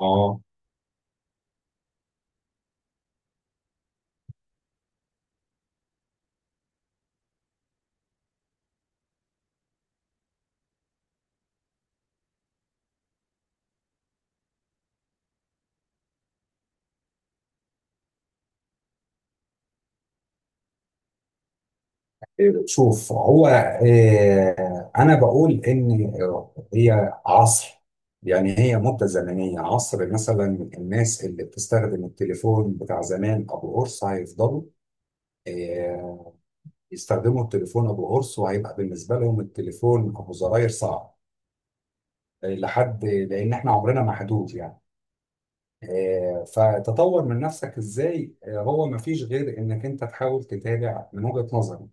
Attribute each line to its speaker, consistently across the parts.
Speaker 1: اه شوف، هو انا بقول ان هي عصر، يعني هي مده زمنيه عصر. مثلا الناس اللي بتستخدم التليفون بتاع زمان ابو قرص هيفضلوا آه، يستخدموا التليفون ابو قرص، وهيبقى بالنسبه لهم التليفون ابو زراير صعب لحد، لان احنا عمرنا محدود يعني. فتطور من نفسك ازاي؟ هو مفيش غير انك انت تحاول تتابع من وجهه نظري.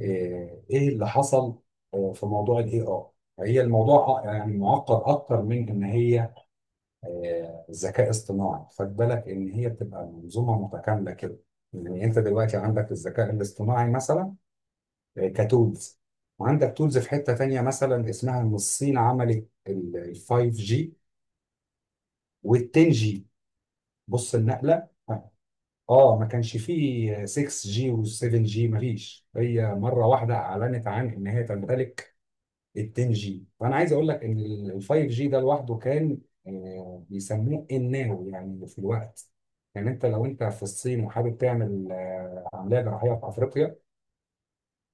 Speaker 1: ايه اللي حصل في موضوع الاي اي؟ هي الموضوع يعني معقد اكتر من ان هي ذكاء اصطناعي. خد بالك ان هي بتبقى منظومه متكامله كده. يعني انت دلوقتي عندك الذكاء الاصطناعي مثلا، كتولز، وعندك تولز في حته تانيه مثلا اسمها ان الصين عملت ال 5 جي وال 10 جي. بص النقله اه، ما كانش فيه 6 جي و 7 جي مفيش، هي مره واحده اعلنت عن ان هي تمتلك ال 10 جي. فانا عايز اقول لك ان ال 5 جي ده لوحده كان بيسموه الناو، يعني في الوقت. يعني انت لو انت في الصين وحابب تعمل عمليه جراحيه في افريقيا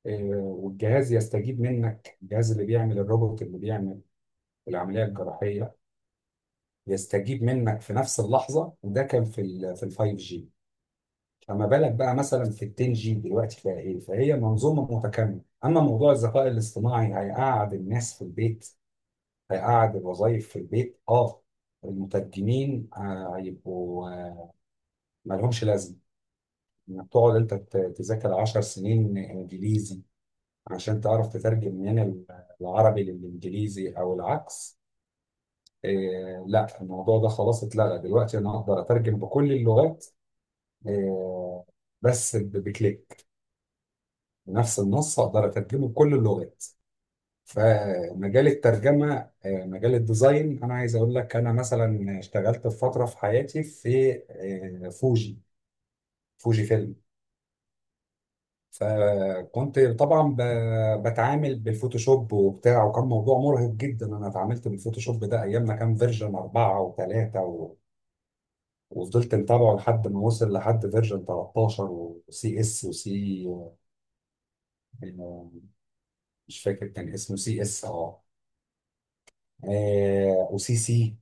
Speaker 1: والجهاز يستجيب منك، الجهاز اللي بيعمل الروبوت اللي بيعمل العمليه الجراحيه يستجيب منك في نفس اللحظه، وده كان في ال 5 جي. فما بالك بقى مثلا في ال 10 جي دلوقتي فيها ايه؟ فهي منظومه متكامله. اما موضوع الذكاء الاصطناعي، هيقعد الناس في البيت، هيقعد الوظائف في البيت. اه المترجمين هيبقوا مالهمش لازمه. انك تقعد انت تذاكر 10 سنين انجليزي عشان تعرف تترجم من العربي للانجليزي او العكس، لا، الموضوع ده خلاص اتلغى. دلوقتي انا اقدر اترجم بكل اللغات، آه، بس بكليك، نفس النص اقدر اترجمه بكل اللغات. فمجال الترجمة، مجال الديزاين، أنا عايز أقول لك أنا مثلا اشتغلت في فترة في حياتي في فوجي، فوجي فيلم. فكنت طبعا بتعامل بالفوتوشوب وبتاع، وكان موضوع مرهق جدا. أنا اتعاملت بالفوتوشوب ده أيام ما كان فيرجن أربعة و3 وفضلت متابعه لحد ما وصل لحد فيرجن 13 وسي اس وسي، آه، مش فاكر كان اسمه سي اس اه وسي سي.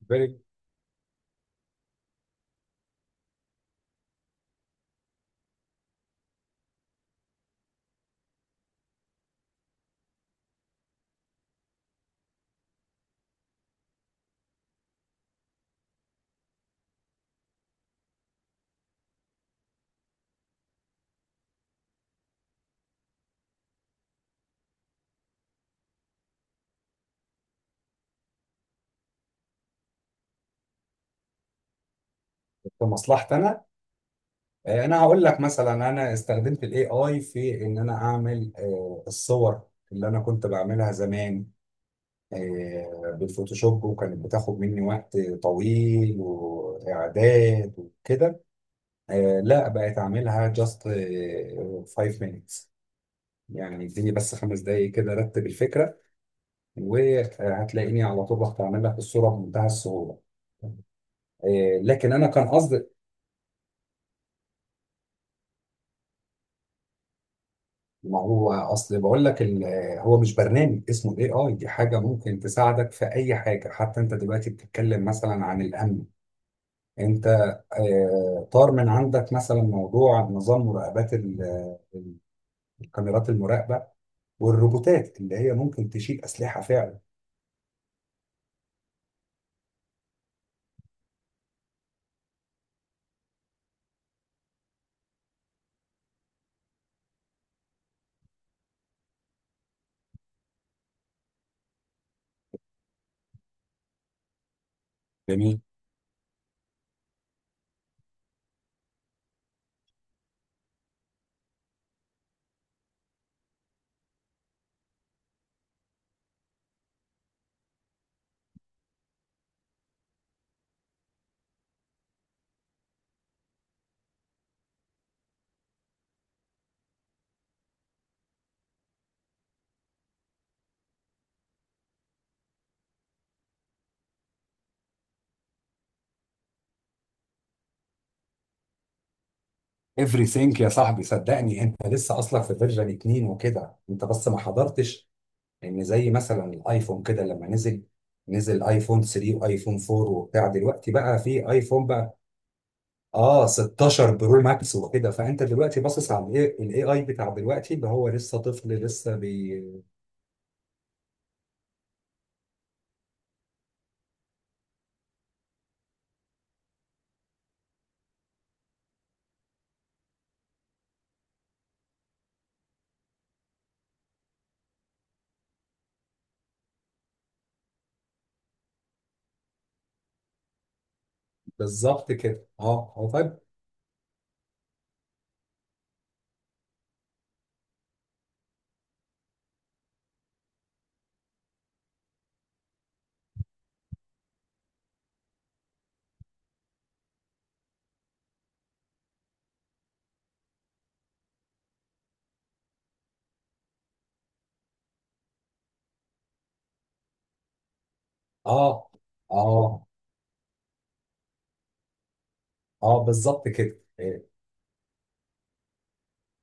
Speaker 1: بالنسبة لي، كمصلحتي انا، انا هقول لك مثلا انا استخدمت الاي اي في ان انا اعمل الصور اللي انا كنت بعملها زمان بالفوتوشوب، وكانت بتاخد مني وقت طويل واعداد وكده. لا، بقيت اعملها جاست 5 minutes. يعني اديني بس خمس دقايق كده، رتب الفكره، وهتلاقيني على طول بعمل لك الصوره بمنتهى السهوله. لكن انا كان قصدي، ما هو اصل بقول لك هو مش برنامج اسمه الاي اي، دي حاجه ممكن تساعدك في اي حاجه. حتى انت دلوقتي بتتكلم مثلا عن الامن، انت طار من عندك مثلا موضوع نظام مراقبات ال- الكاميرات المراقبه والروبوتات اللي هي ممكن تشيل اسلحه فعلا. جميل. Everything يا صاحبي، صدقني انت لسه اصلا في فيرجن 2 وكده، انت بس ما حضرتش. لان زي مثلا الايفون كده لما نزل، نزل ايفون 3 وايفون 4 وبتاع، دلوقتي بقى في ايفون بقى اه 16 برو ماكس وكده. فانت دلوقتي باصص على الاي اي بتاع دلوقتي اللي هو لسه طفل، لسه. بالظبط كده اه هو فاهم. اه اه اه بالظبط كده. إيه،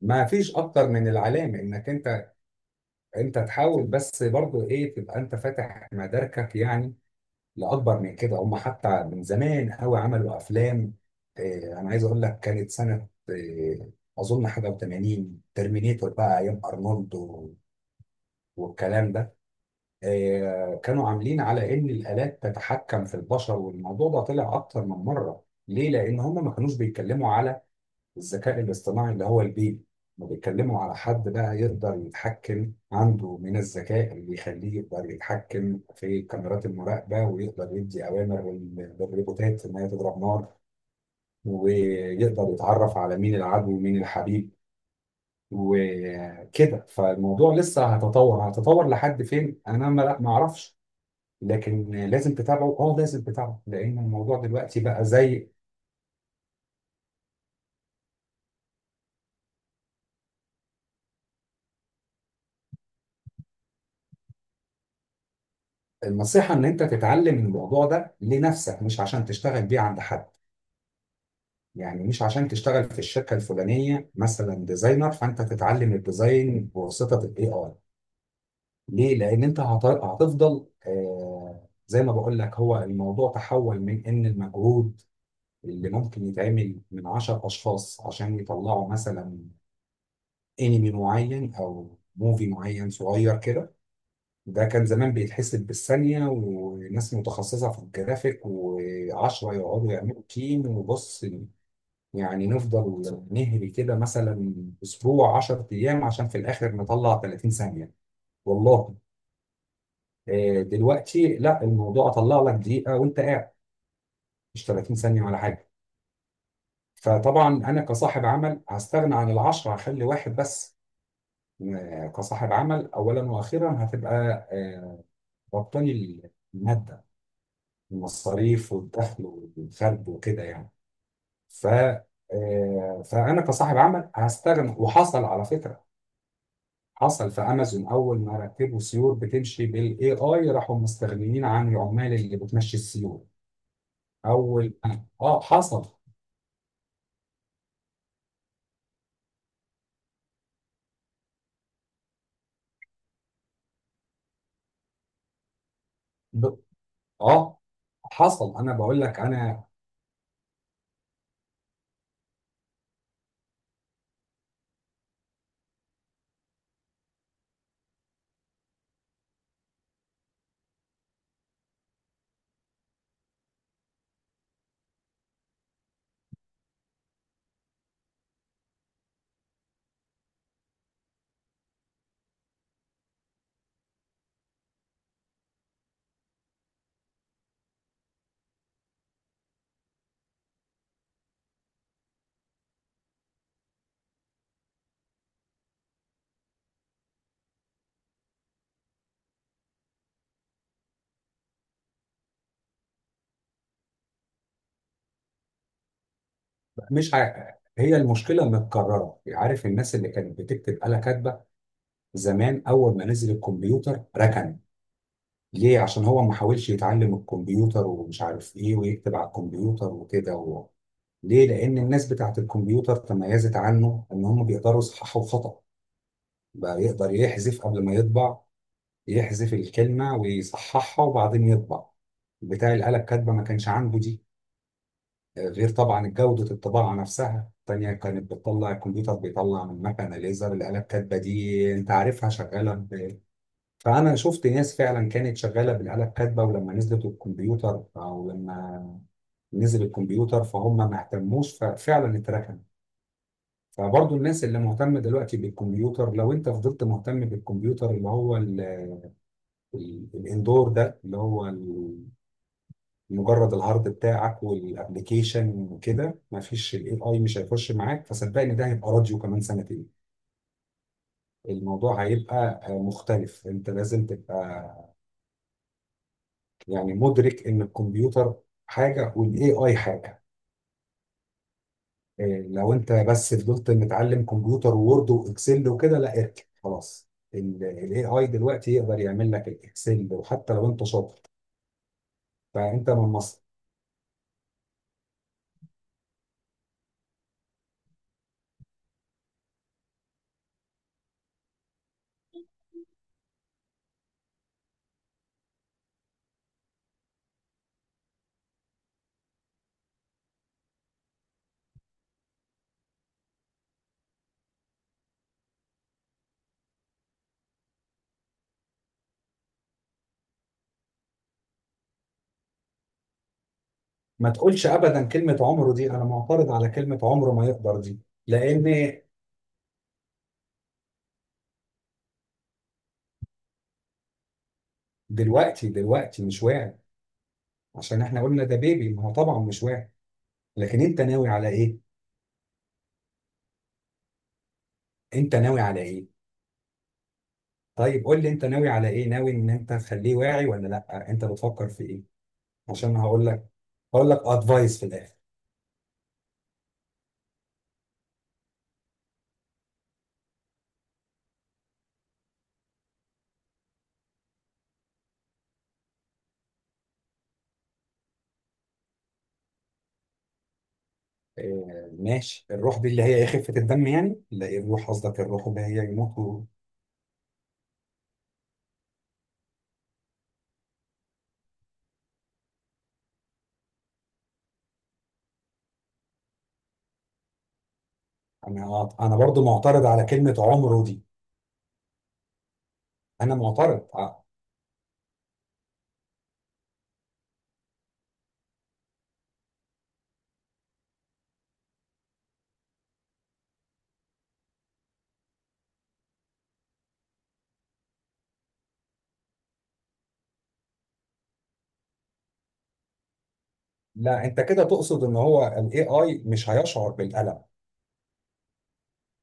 Speaker 1: ما فيش اكتر من العلامه انك انت، انت تحاول بس برضو ايه تبقى انت فاتح مداركك يعني لاكبر من كده. هم حتى من زمان قوي عملوا افلام، انا عايز اقول لك كانت سنه اظن حاجه و80، ترمينيتور بقى ايام ارنولد والكلام ده. كانوا عاملين على ان الالات تتحكم في البشر، والموضوع ده طلع اكتر من مره. ليه؟ لان هم ما كانوش بيتكلموا على الذكاء الاصطناعي اللي هو البيبي. ما بيتكلموا على حد بقى يقدر يتحكم عنده من الذكاء اللي يخليه يقدر يتحكم في كاميرات المراقبة، ويقدر يدي أوامر للروبوتات إن هي تضرب نار، ويقدر يتعرف على مين العدو ومين الحبيب وكده. فالموضوع لسه هيتطور، هيتطور لحد فين أنا ما أعرفش. لكن لازم تتابعه، اه لازم تتابعه، لأن الموضوع دلوقتي بقى زي. النصيحة إن أنت تتعلم الموضوع ده لنفسك، مش عشان تشتغل بيه عند حد. يعني مش عشان تشتغل في الشركة الفلانية مثلا ديزاينر، فأنت تتعلم الديزاين بواسطة ال AI. ليه؟ لأن أنت هتفضل، آه زي ما بقول لك، هو الموضوع تحول من إن المجهود اللي ممكن يتعمل من 10 أشخاص عشان يطلعوا مثلا أنمي معين أو موفي معين صغير كده، ده كان زمان بيتحسب بالثانية وناس متخصصة في الجرافيك، وعشرة يقعدوا يعملوا تيم وبص، يعني نفضل نهري كده مثلا اسبوع 10 ايام عشان في الاخر نطلع 30 ثانيه. والله دلوقتي لا، الموضوع اطلع لك دقيقه وانت قاعد، مش 30 ثانيه ولا حاجه. فطبعا انا كصاحب عمل هستغنى عن العشرة، هخلي واحد بس. كصاحب عمل اولا واخيرا هتبقى آه، ربطاني، الماده، المصاريف والدخل والخرج وكده يعني. ف فانا كصاحب عمل هستغنى. وحصل، على فكره، حصل في امازون، اول ما رتبوا سيور بتمشي بالاي اي راحوا مستغنيين عن العمال اللي بتمشي السيور. اول اه حصل ب... اه حصل. انا بقول لك انا مش ع... هي المشكله متكرره. عارف الناس اللي كانت بتكتب آلة كاتبه زمان، اول ما نزل الكمبيوتر ركن. ليه؟ عشان هو ما حاولش يتعلم الكمبيوتر ومش عارف ايه، ويكتب على الكمبيوتر وكده ليه؟ لان الناس بتاعت الكمبيوتر تميزت عنه ان هم بيقدروا يصححوا خطأ، بقى يقدر يحذف قبل ما يطبع، يحذف الكلمة ويصححها وبعدين يطبع. بتاع الآلة الكاتبة ما كانش عنده دي، غير طبعا جودة الطباعة نفسها التانية كانت بتطلع. الكمبيوتر بيطلع من مكنة ليزر، الآلة الكاتبة دي أنت عارفها شغالة فأنا شفت ناس فعلا كانت شغالة بالآلة الكاتبة، ولما نزلت الكمبيوتر أو لما نزل الكمبيوتر فهم ما اهتموش، ففعلا اتركن. فبرضه الناس اللي مهتمة دلوقتي بالكمبيوتر، لو أنت فضلت مهتم بالكمبيوتر اللي هو الاندور ده، اللي هو مجرد الهارد بتاعك والابلكيشن وكده، ما فيش الاي اي، مش هيخش معاك. فصدقني ده هيبقى راديو كمان سنتين. الموضوع هيبقى مختلف، انت لازم تبقى يعني مدرك ان الكمبيوتر حاجه والاي اي حاجه. آه، لو انت بس فضلت متعلم كمبيوتر وورد واكسل وكده، لا اركن خلاص. الاي اي دلوقتي يقدر يعمل لك الاكسل وحتى لو انت شاطر. فانت من ما تقولش ابدا كلمه عمره دي، انا معترض على كلمه عمره ما يقدر دي. لان دلوقتي، دلوقتي مش واعي، عشان احنا قلنا ده بيبي، ما هو طبعا مش واعي. لكن انت ناوي على ايه؟ انت ناوي على ايه؟ طيب قول لي انت ناوي على ايه؟ ناوي ان انت تخليه واعي ولا لا؟ انت بتفكر في ايه؟ عشان هقول لك، هقول لك ادفايس في الاخر. آه ماشي، الروح دي اللي هي ايه؟ خفه الدم يعني؟ لا، إيه الروح؟ قصدك الروح اللي هي يموت انا برضو معترض على كلمه عمره دي، انا معترض. لا انت كده تقصد ان هو الاي اي مش هيشعر بالالم؟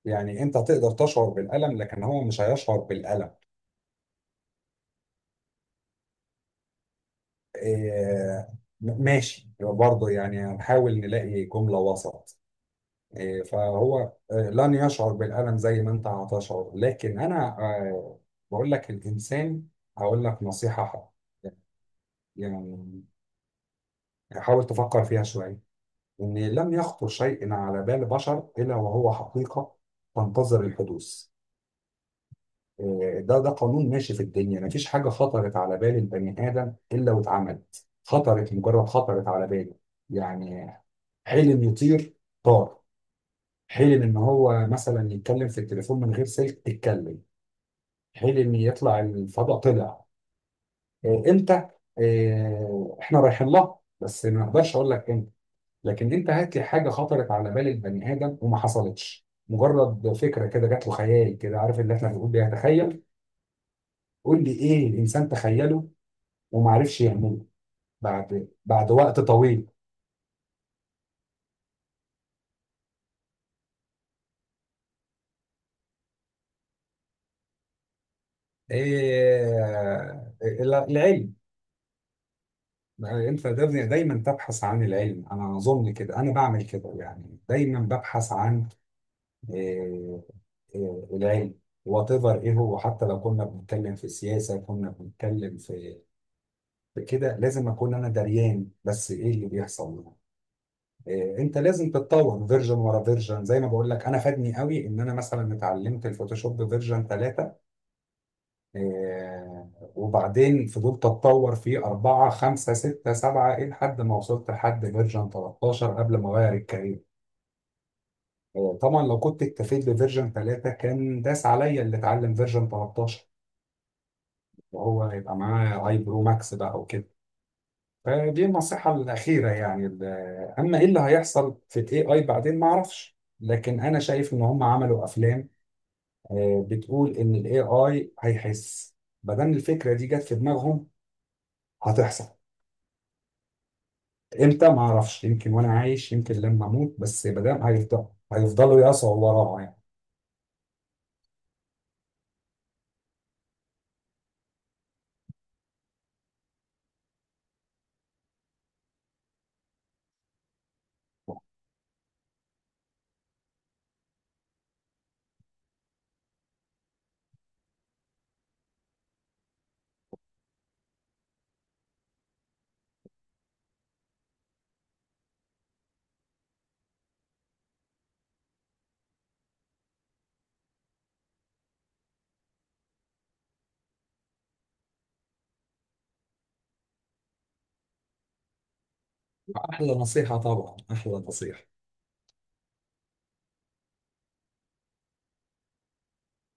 Speaker 1: يعني انت تقدر تشعر بالالم لكن هو مش هيشعر بالالم. إيه ماشي برضه، يعني هنحاول نلاقي جملة وسط. إيه فهو لن يشعر بالالم زي ما انت هتشعر، لكن انا بقول لك الانسان، هقول لك نصيحة حق. يعني حاول تفكر فيها شوية، إن لم يخطر شيء على بال بشر إلا وهو حقيقة تنتظر الحدوث. ده قانون ماشي في الدنيا، مفيش حاجة خطرت على بال البني آدم إلا واتعملت. خطرت، مجرد خطرت على باله يعني. حلم يطير، طار. حلم إن هو مثلا يتكلم في التليفون من غير سلك، اتكلم. حلم يطلع الفضاء، طلع. إيه، إمتى؟ إيه، إحنا رايحين لها، بس ما أقدرش أقول لك إمتى. لكن أنت هات لي حاجة خطرت على بال البني آدم وما حصلتش. مجرد فكرة كده جات له، خيال كده، عارف اللي إحنا بنقول بيتخيل. قول لي إيه الإنسان تخيله وما عرفش يعمله. بعد وقت طويل، إيه العلم. انت دايما دايماً تبحث عن العلم، انا اظن كده، انا بعمل كده يعني، دايما ببحث عن إيه، إيه العلم. وات ايفر، ايه هو، حتى لو كنا بنتكلم في السياسه، كنا بنتكلم في في كده، لازم اكون انا دريان بس ايه اللي بيحصل. إيه، انت لازم تتطور فيرجن ورا فيرجن، زي ما بقول لك انا، فادني قوي ان انا مثلا اتعلمت الفوتوشوب فيرجن ثلاثة، آه، وبعدين فضلت اتطور فيه أربعة خمسة ستة سبعة إيه لحد ما وصلت لحد فيرجن 13 قبل ما أغير الكارير. طبعا لو كنت اكتفيت بفيرجن 3 كان داس عليا اللي اتعلم فيرجن 13 وهو يبقى معاه اي برو ماكس بقى وكده. فدي النصيحة الأخيرة يعني أما إيه اللي هيحصل في ال AI بعدين ما أعرفش، لكن أنا شايف إن هم عملوا أفلام بتقول إن ال AI هيحس. مادام الفكرة دي جت في دماغهم، هتحصل. امتى ما اعرفش، يمكن وانا عايش، يمكن لما اموت، بس ما دام هيفضل، هيفضلوا يقصوا وراها يعني. احلى نصيحة طبعا، احلى نصيحة.